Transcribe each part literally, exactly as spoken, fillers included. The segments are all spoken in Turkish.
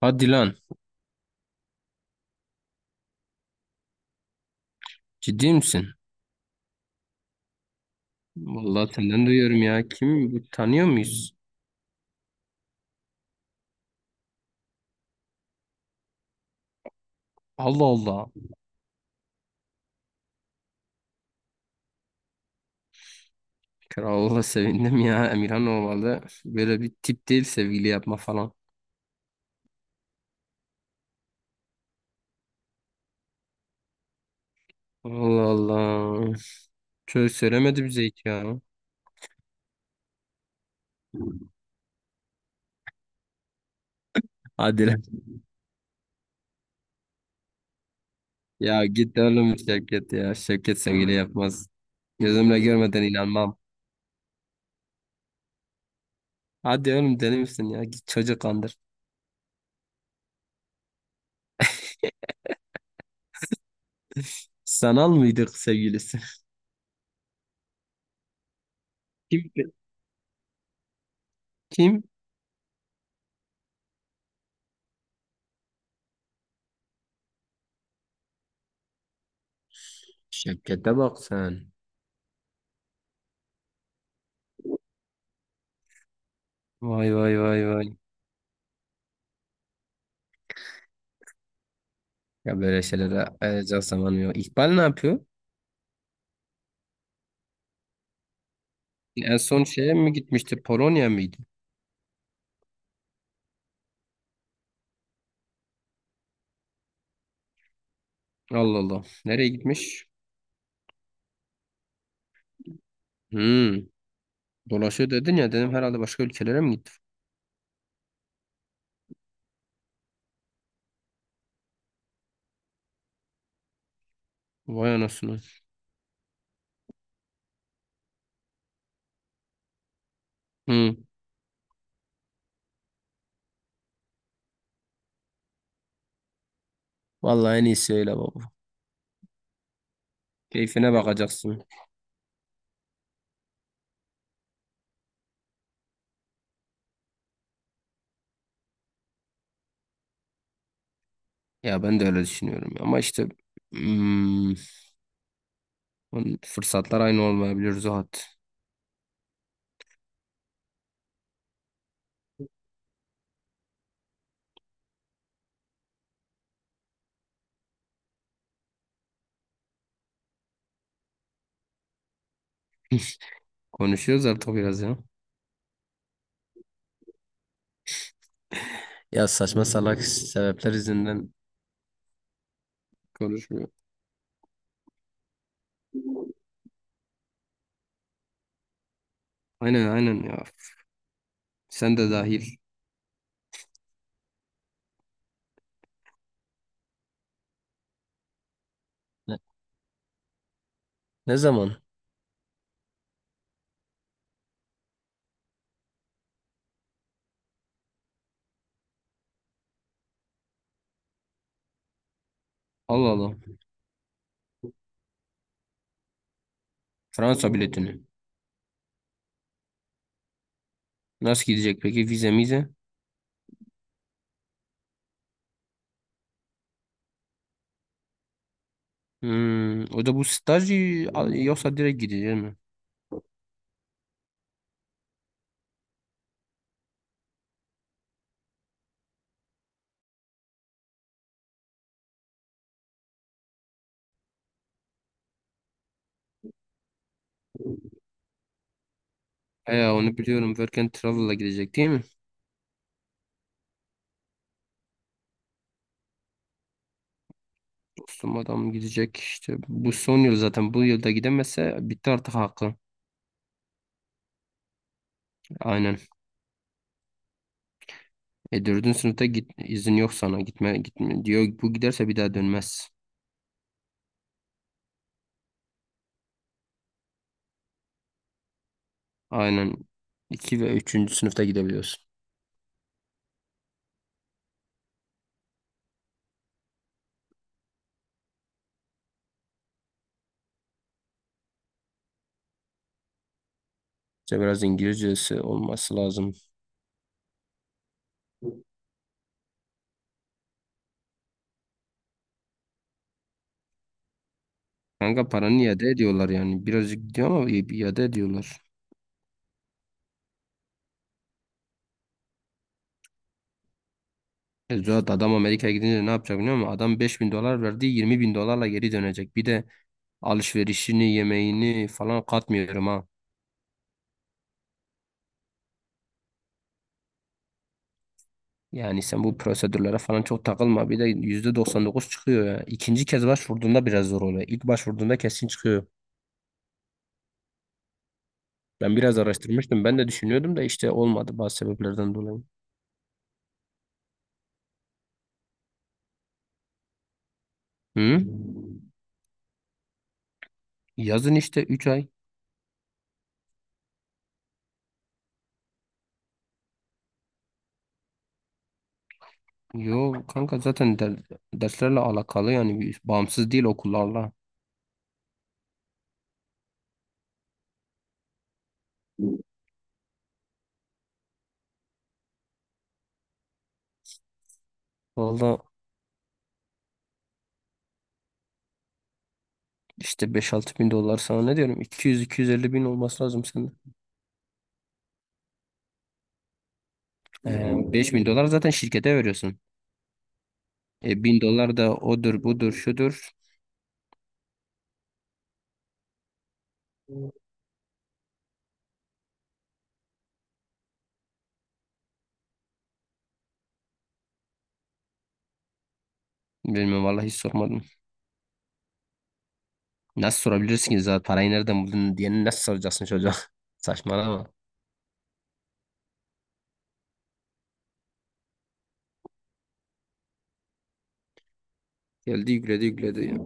Hadi lan. Ciddi misin? Vallahi senden duyuyorum ya. Kim bu tanıyor muyuz? Allah Allah. Kral'a sevindim ya. Emirhan olmalı. Böyle bir tip değil sevgili yapma falan. Allah Allah. Çöz söylemedi bize hiç ya. Hadi lan. Ya git oğlum Şevket ya. Şevket sevgili yapmaz. Gözümle görmeden inanmam. Hadi oğlum deli misin ya? Git çocuk kandır. Sanal mıydık sevgilisi? Kim? Kim? Şevket'e bak sen. Vay vay vay vay. Ya böyle şeylere ayıracak zamanım yok. İkbal ne yapıyor? En son şeye mi gitmişti? Polonya mıydı? Allah Allah. Nereye gitmiş? Hmm. Dolaşıyor dedin ya dedim herhalde başka ülkelere mi gitti? Vay anasını. Hmm. Vallahi en iyisi öyle baba. Keyfine bakacaksın. Ya ben de öyle düşünüyorum. Ama işte hmm, fırsatlar aynı olmayabilir Zuhat. Konuşuyoruz artık biraz ya. Ya saçma salak sebepler yüzünden konuşmuyor. Aynen aynen ya. Sen de dahil. Ne, Ne zaman? Allah Allah. Fransa biletini. Nasıl gidecek peki? Vize mize? Hmm, o da bu staj y- a- yoksa direkt gidecek mi? He onu biliyorum. Work and Travel'la gidecek değil mi? Dostum adam gidecek işte. Bu son yıl zaten. Bu yılda gidemezse bitti artık hakkı. Aynen. E dördüncü sınıfta git, izin yok sana. Gitme, gitme diyor. Bu giderse bir daha dönmez. Aynen. İki ve üçüncü sınıfta gidebiliyorsun. İşte biraz İngilizcesi olması lazım. Kanka paranı iade ediyorlar yani. Birazcık gidiyor ama i- iade ediyorlar. E, Zuhat adam Amerika'ya gidince ne yapacak biliyor musun? Adam beş bin dolar verdi, yirmi bin dolarla geri dönecek. Bir de alışverişini yemeğini falan katmıyorum ha. Yani sen bu prosedürlere falan çok takılma. Bir de yüzde doksan dokuz çıkıyor ya. İkinci kez başvurduğunda biraz zor oluyor. İlk başvurduğunda kesin çıkıyor. Ben biraz araştırmıştım. Ben de düşünüyordum da işte olmadı bazı sebeplerden dolayı. Hı? Yazın işte üç ay. Yo kanka zaten der- derslerle alakalı yani bir- bağımsız değil okullarla. Valla. İşte beş altı bin dolar sana ne diyorum, iki yüz iki yüz elli bin olması lazım sende. Ee, beş bin dolar zaten şirkete veriyorsun. E, bin dolar da odur budur şudur. Bilmiyorum vallahi hiç sormadım. Nasıl sorabilirsin ki zaten parayı nereden buldun diye nasıl soracaksın çocuğa? Saçmalama. Geldi yükledi yükledi. Ya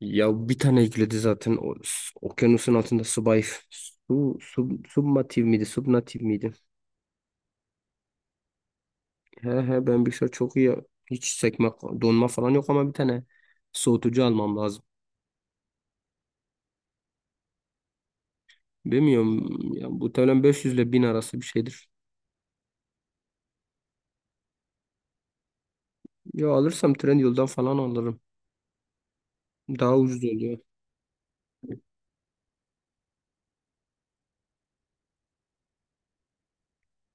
Ya bir tane yükledi zaten o, s- okyanusun altında subay su, sub, submatif miydi subnatif miydi? He he ben bilgisayar çok iyi. Hiç sekme donma falan yok ama bir tane soğutucu almam lazım. Bilmiyorum. Ya, muhtemelen beş yüz ile bin arası bir şeydir. Ya alırsam Trendyol'dan falan alırım. Daha ucuz oluyor.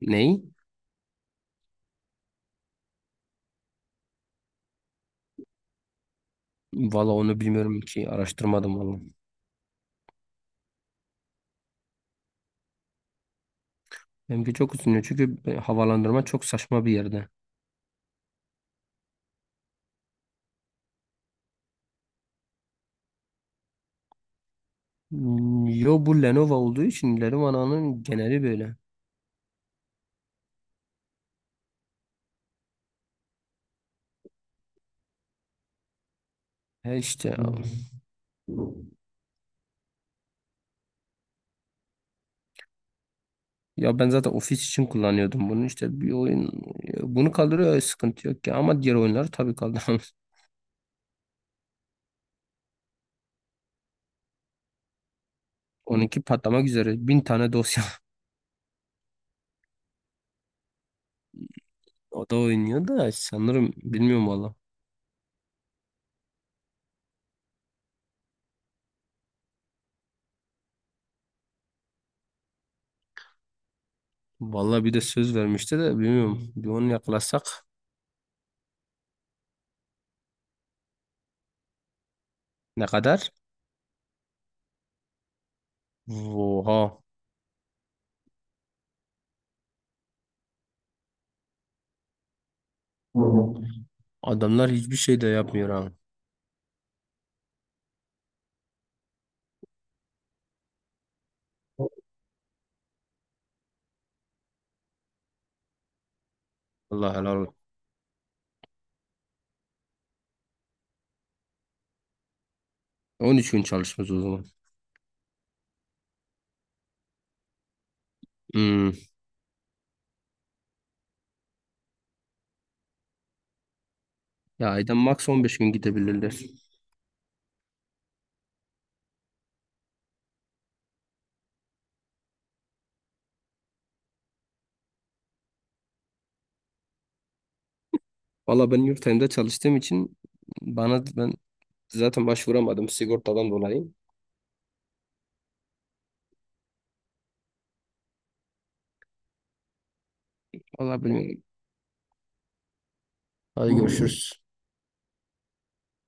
Ney? Valla onu bilmiyorum ki. Araştırmadım valla. Benimki çok ucuz çünkü e, havalandırma çok saçma bir yerde. Hmm. Yo, bu Lenovo olduğu için Lenovo'nun geneli böyle. He işte ya. Hmm. Ya ben zaten ofis için kullanıyordum bunu, işte bir oyun e, bunu kaldırıyor sıkıntı yok ki ama diğer oyunları tabii kaldıramaz. on iki patlamak üzere bin tane dosya o da oynuyor da sanırım bilmiyorum valla. Vallahi bir de söz vermişti de bilmiyorum. Bir onu yakalasak ne kadar? Oha. Adamlar hiçbir şey de yapmıyor ha. Allah helal olsun. On üç gün çalışmaz o zaman. Hmm. Ya ayda max on beş gün gidebilirler. Valla ben yurt dışında çalıştığım için bana ben zaten başvuramadım sigortadan dolayı. Valla bilmiyorum. Hadi görüşürüz.